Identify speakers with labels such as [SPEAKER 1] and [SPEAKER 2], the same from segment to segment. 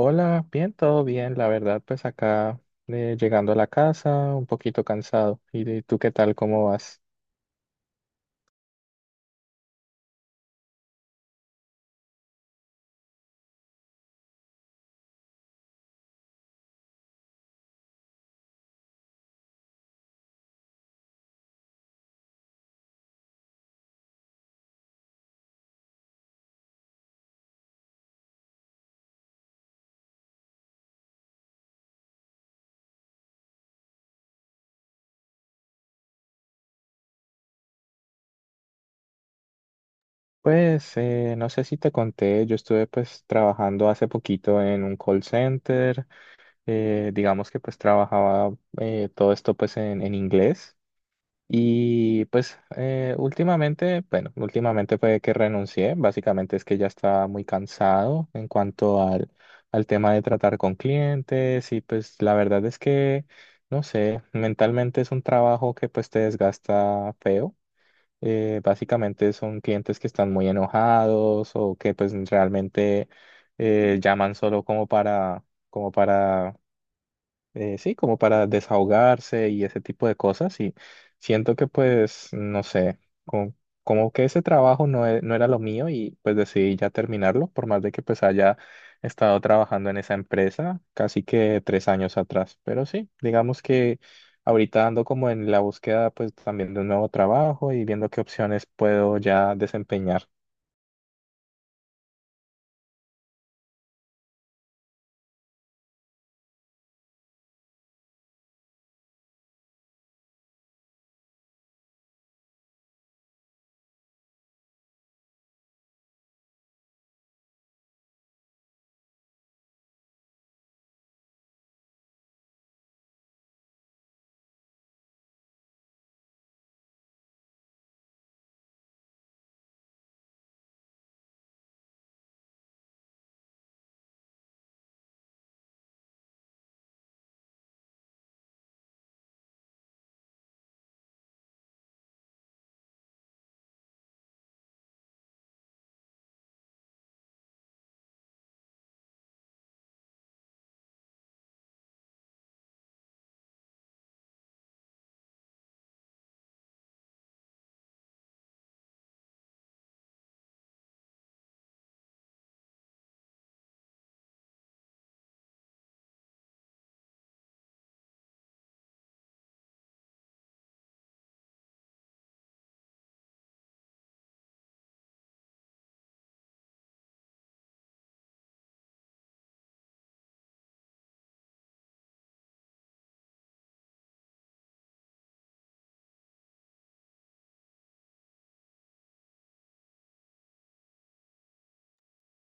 [SPEAKER 1] Hola, bien, todo bien, la verdad, pues acá llegando a la casa, un poquito cansado. ¿Y tú qué tal? ¿Cómo vas? Pues no sé si te conté, yo estuve pues trabajando hace poquito en un call center, digamos que pues trabajaba todo esto pues en inglés. Y pues últimamente, bueno, últimamente fue que renuncié, básicamente es que ya estaba muy cansado en cuanto al tema de tratar con clientes y pues la verdad es que, no sé, mentalmente es un trabajo que pues te desgasta feo. Básicamente son clientes que están muy enojados o que pues realmente llaman solo como para sí, como para desahogarse y ese tipo de cosas. Y siento que pues, no sé, como, como que ese trabajo no era lo mío y pues decidí ya terminarlo, por más de que pues haya estado trabajando en esa empresa casi que 3 años atrás. Pero sí, digamos que ahorita ando como en la búsqueda pues también de un nuevo trabajo y viendo qué opciones puedo ya desempeñar.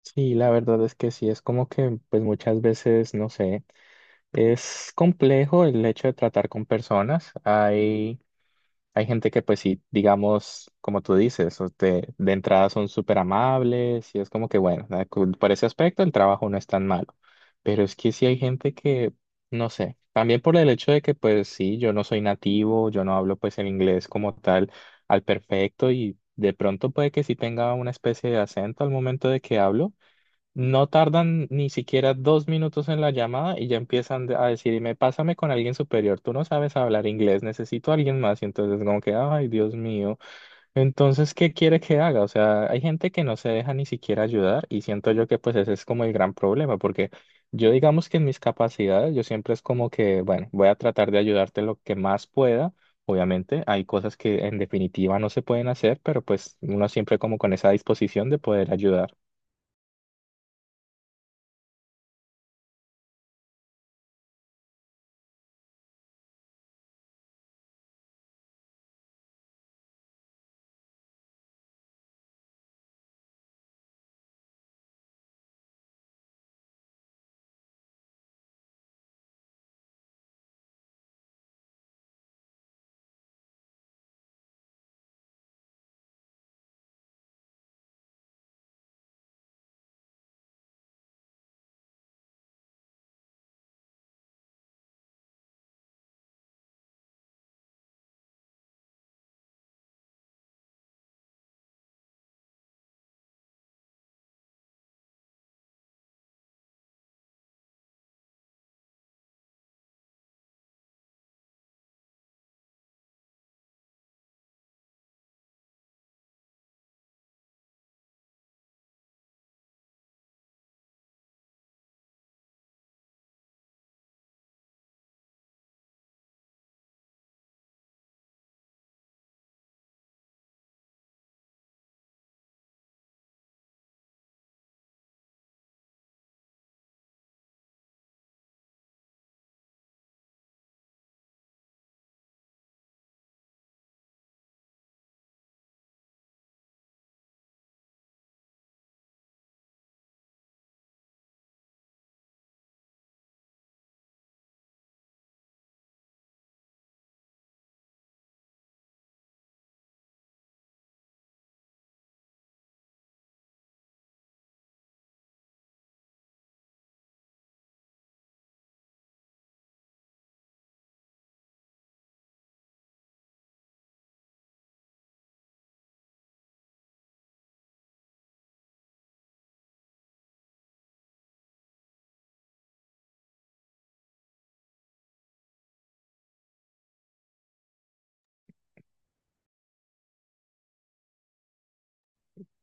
[SPEAKER 1] Sí, la verdad es que sí, es como que pues muchas veces, no sé. Es complejo el hecho de tratar con personas. Hay gente que, pues sí, digamos, como tú dices, de entrada son súper amables y es como que, bueno, por ese aspecto el trabajo no es tan malo. Pero es que sí hay gente que, no sé, también por el hecho de que, pues sí, yo no soy nativo, yo no hablo pues el inglés como tal al perfecto y de pronto puede que sí tenga una especie de acento al momento de que hablo. No tardan ni siquiera 2 minutos en la llamada y ya empiezan a decirme, pásame con alguien superior, tú no sabes hablar inglés, necesito a alguien más. Y entonces como que, ay, Dios mío, entonces, ¿qué quiere que haga? O sea, hay gente que no se deja ni siquiera ayudar y siento yo que pues ese es como el gran problema, porque yo digamos que en mis capacidades, yo siempre es como que, bueno, voy a tratar de ayudarte lo que más pueda. Obviamente hay cosas que en definitiva no se pueden hacer, pero pues uno siempre como con esa disposición de poder ayudar.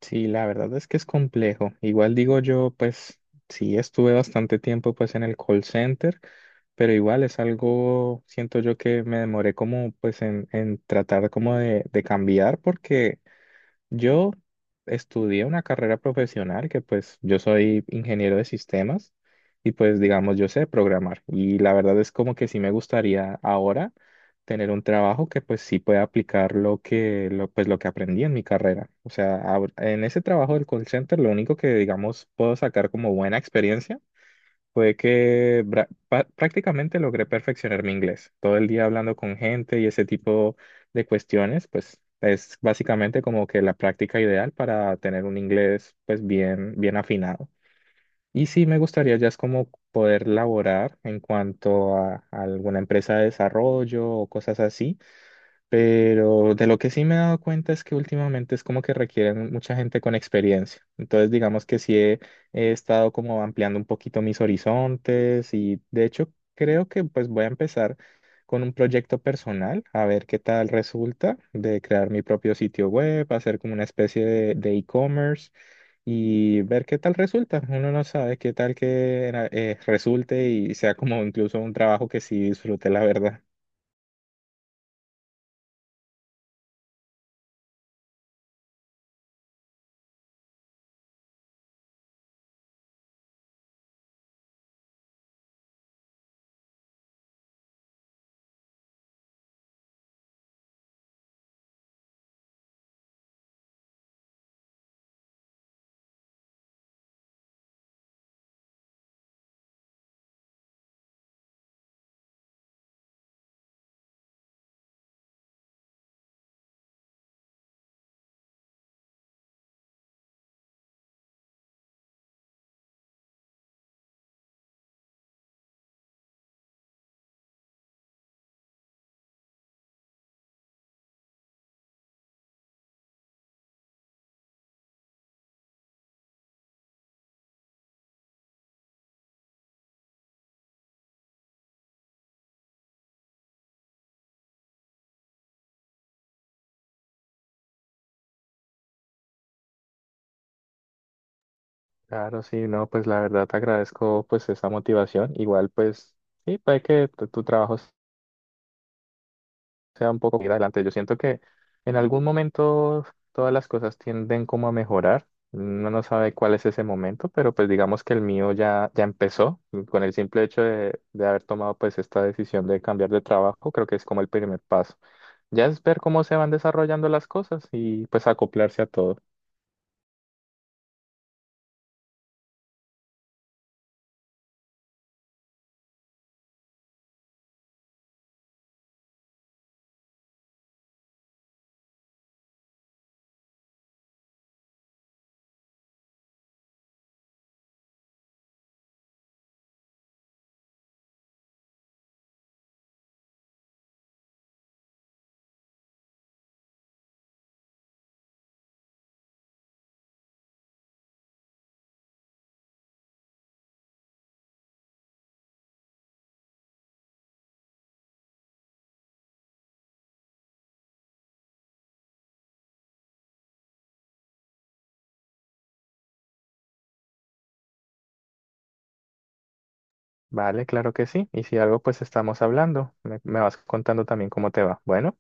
[SPEAKER 1] Sí, la verdad es que es complejo. Igual digo yo, pues sí, estuve bastante tiempo pues en el call center, pero igual es algo, siento yo que me demoré como pues en tratar como de cambiar porque yo estudié una carrera profesional que pues yo soy ingeniero de sistemas y pues digamos yo sé programar y la verdad es como que sí me gustaría ahora tener un trabajo que pues sí pueda aplicar lo que lo, pues lo que aprendí en mi carrera. O sea, en ese trabajo del call center lo único que digamos puedo sacar como buena experiencia fue que prácticamente logré perfeccionar mi inglés. Todo el día hablando con gente y ese tipo de cuestiones, pues es básicamente como que la práctica ideal para tener un inglés pues bien, bien afinado. Y sí me gustaría ya es como poder laborar en cuanto a alguna empresa de desarrollo o cosas así, pero de lo que sí me he dado cuenta es que últimamente es como que requieren mucha gente con experiencia. Entonces, digamos que he estado como ampliando un poquito mis horizontes y de hecho creo que pues voy a empezar con un proyecto personal, a ver qué tal resulta de crear mi propio sitio web, hacer como una especie de e-commerce y ver qué tal resulta. Uno no sabe qué tal que resulte y sea como incluso un trabajo que sí disfrute, la verdad. Claro, sí, no, pues la verdad te agradezco pues esa motivación. Igual pues sí, puede que tu trabajo sea un poco ir adelante. Yo siento que en algún momento todas las cosas tienden como a mejorar. Uno no sabe cuál es ese momento, pero pues digamos que el mío ya empezó con el simple hecho de haber tomado pues esta decisión de cambiar de trabajo. Creo que es como el primer paso. Ya es ver cómo se van desarrollando las cosas y pues acoplarse a todo. Vale, claro que sí. Y si algo, pues estamos hablando. Me vas contando también cómo te va. Bueno.